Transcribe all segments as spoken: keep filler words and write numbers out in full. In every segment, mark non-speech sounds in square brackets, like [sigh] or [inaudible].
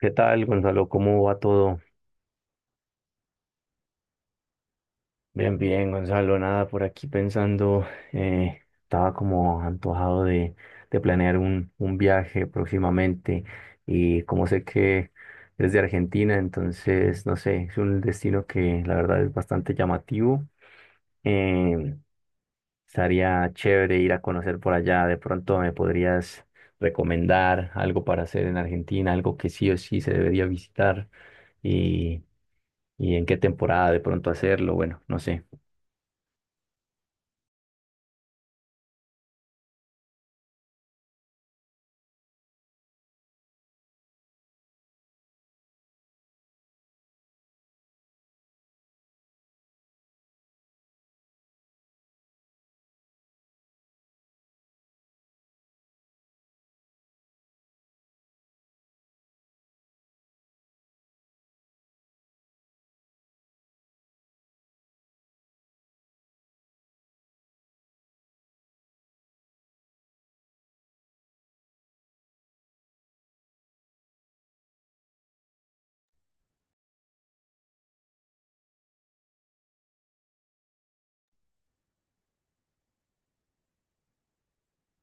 ¿Qué tal, Gonzalo? ¿Cómo va todo? Bien, bien, Gonzalo. Nada, por aquí pensando, eh, estaba como antojado de, de planear un, un viaje próximamente y como sé que eres de Argentina, entonces, no sé, es un destino que la verdad es bastante llamativo. Eh, Estaría chévere ir a conocer por allá. De pronto me podrías recomendar algo para hacer en Argentina, algo que sí o sí se debería visitar y, y en qué temporada de pronto hacerlo. Bueno, no sé.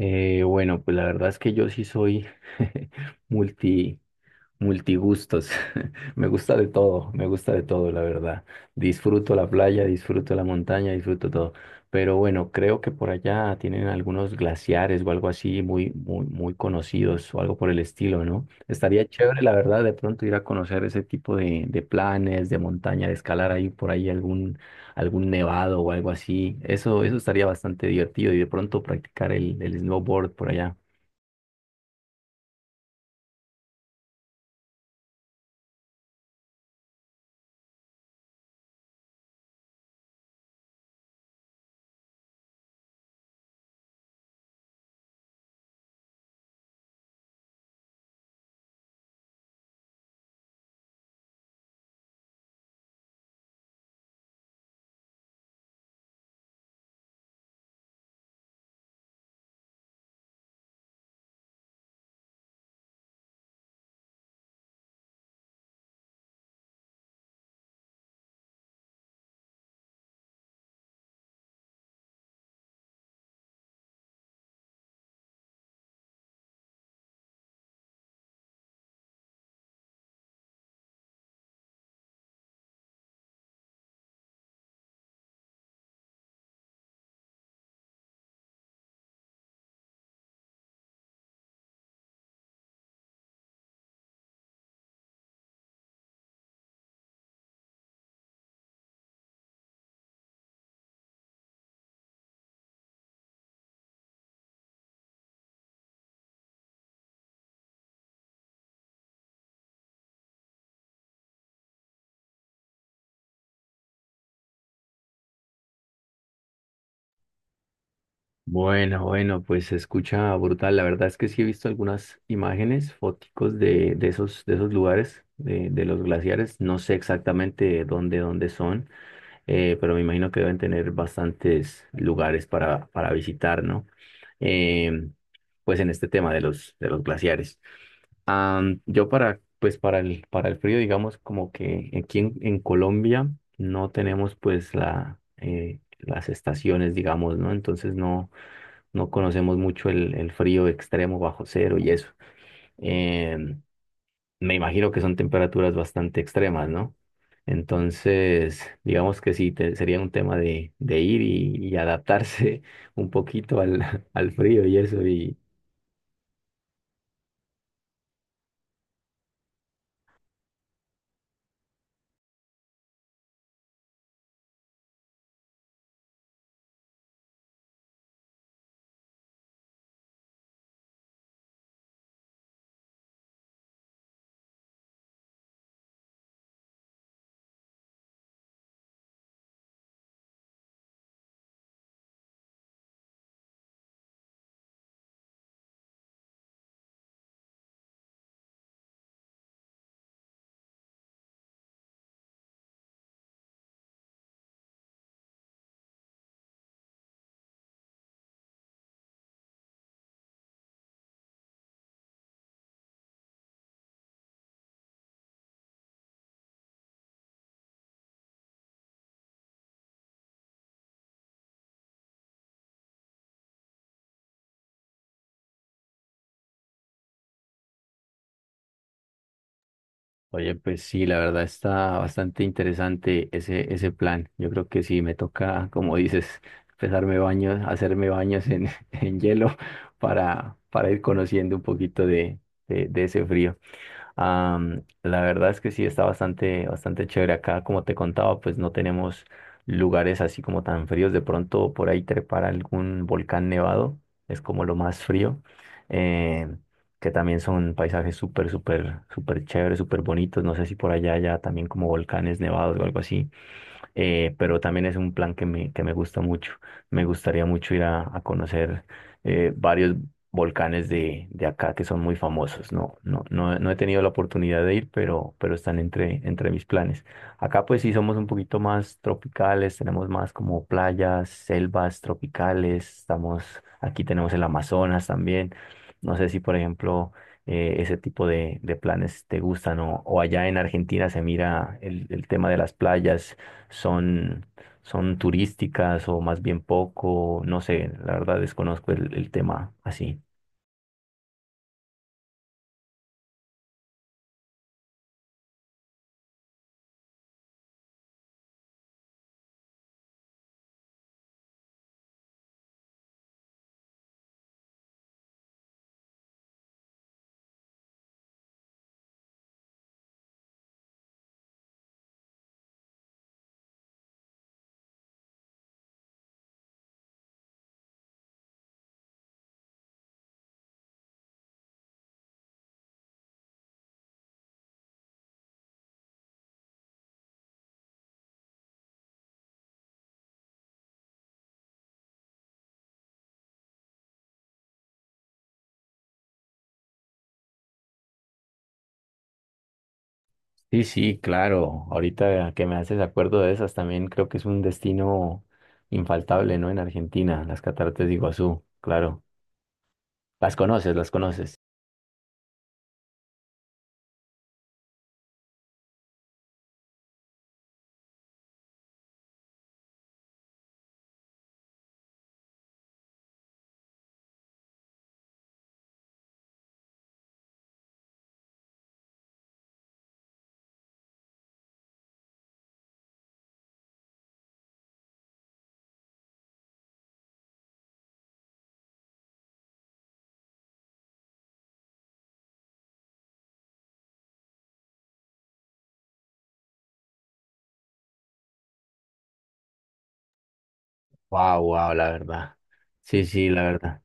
Eh, bueno, pues la verdad es que yo sí soy [laughs] multi. multigustos. [laughs] Me gusta de todo, me gusta de todo, la verdad. Disfruto la playa, disfruto la montaña, disfruto todo. Pero bueno, creo que por allá tienen algunos glaciares o algo así muy, muy, muy conocidos o algo por el estilo, ¿no? Estaría chévere, la verdad, de pronto ir a conocer ese tipo de, de planes, de montaña, de escalar ahí por ahí algún, algún nevado o algo así. Eso, eso estaría bastante divertido y de pronto practicar el, el snowboard por allá. Bueno, bueno, pues se escucha brutal. La verdad es que sí he visto algunas imágenes, foticos de, de esos, de esos lugares, de, de los glaciares. No sé exactamente dónde, dónde son, eh, pero me imagino que deben tener bastantes lugares para, para visitar, ¿no? Eh, pues en este tema de los, de los glaciares. Am, yo para, pues para el, para el frío, digamos, como que aquí en, en Colombia no tenemos pues la, eh, las estaciones, digamos, ¿no? Entonces no no conocemos mucho el, el frío extremo bajo cero y eso. Em, Me imagino que son temperaturas bastante extremas, ¿no? Entonces, digamos que sí, te- sería un tema de, de ir y, y adaptarse [laughs] un poquito al, al frío y eso. Y, oye, pues sí, la verdad está bastante interesante ese, ese plan. Yo creo que sí, me toca, como dices, [laughs] empezarme baños, hacerme baños en, [laughs] en hielo para, para ir conociendo un poquito de, de de ese frío. Am, la verdad es que sí está bastante, bastante chévere acá. Como te contaba, pues no tenemos lugares así como tan fríos. De pronto por ahí trepar a algún volcán nevado es como lo más frío. eh, que también son paisajes súper, súper, súper chéveres, súper bonitos. No sé si por allá ya también como volcanes nevados o algo así, eh, pero también es un plan que me, que me gusta mucho. Me gustaría mucho ir a, a conocer eh, varios volcanes de, de acá que son muy famosos. No, no, no, no he tenido la oportunidad de ir, pero, pero están entre, entre mis planes. Acá pues sí somos un poquito más tropicales, tenemos más como playas, selvas tropicales, estamos, aquí tenemos el Amazonas también. No sé si por ejemplo eh, ese tipo de, de planes te gustan o, o allá en Argentina se mira el, el tema de las playas son, son turísticas o más bien poco, no sé, la verdad desconozco el, el tema así. Sí, sí, claro. Ahorita que me haces acuerdo de esas, también creo que es un destino infaltable, ¿no? En Argentina, las cataratas de Iguazú, claro. Las conoces, las conoces. Wow, wow, la verdad. Sí, sí, la verdad.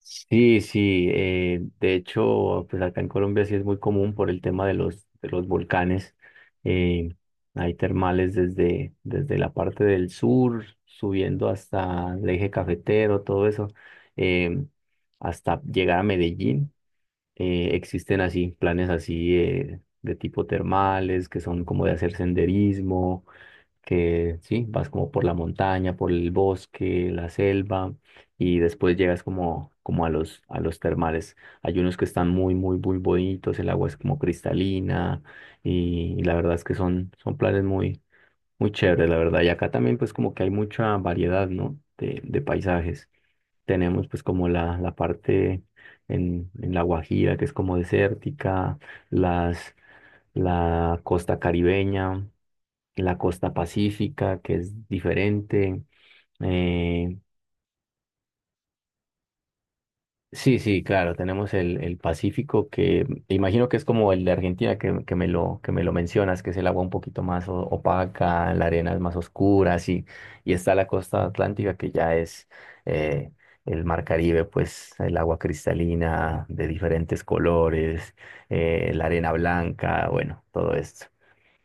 Sí, sí, eh, de hecho, pues acá en Colombia sí es muy común por el tema de los, de los volcanes. eh, Hay termales desde, desde la parte del sur, subiendo hasta el eje cafetero, todo eso, eh, hasta llegar a Medellín. Eh, existen así planes así eh, de tipo termales, que son como de hacer senderismo que sí, vas como por la montaña, por el bosque, la selva y después llegas como, como a los, a los termales. Hay unos que están muy, muy, muy bonitos, el agua es como cristalina y, y la verdad es que son, son planes muy, muy chéveres, la verdad. Y acá también pues como que hay mucha variedad, ¿no? De, de paisajes. Tenemos pues como la, la parte en, en La Guajira que es como desértica, las, la costa caribeña, la costa pacífica, que es diferente. Eh, sí, sí, claro, tenemos el, el Pacífico, que imagino que es como el de Argentina, que, que me lo, que me lo mencionas, que es el agua un poquito más o- opaca, la arena es más oscura, sí. Y está la costa atlántica, que ya es eh, el mar Caribe, pues el agua cristalina de diferentes colores, eh, la arena blanca, bueno, todo esto.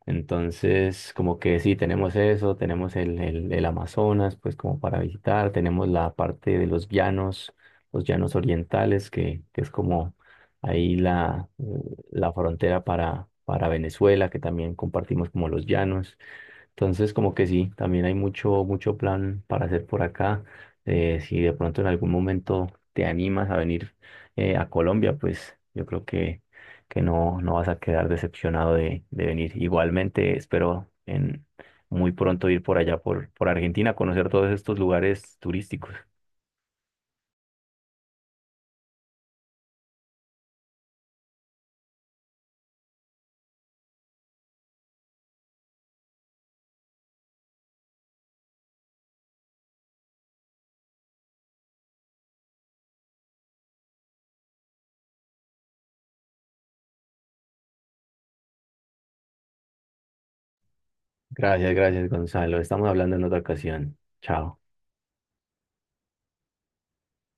Entonces, como que sí, tenemos eso, tenemos el, el, el Amazonas, pues como para visitar, tenemos la parte de los llanos, los llanos orientales, que, que es como ahí la, la frontera para, para Venezuela, que también compartimos como los llanos. Entonces, como que sí, también hay mucho, mucho plan para hacer por acá. Eh, si de pronto en algún momento te animas a venir eh, a Colombia, pues yo creo que, que no, no vas a quedar decepcionado de, de venir. Igualmente, espero en muy pronto ir por allá, por, por Argentina, a conocer todos estos lugares turísticos. Gracias, gracias, Gonzalo. Estamos hablando en otra ocasión. Chao.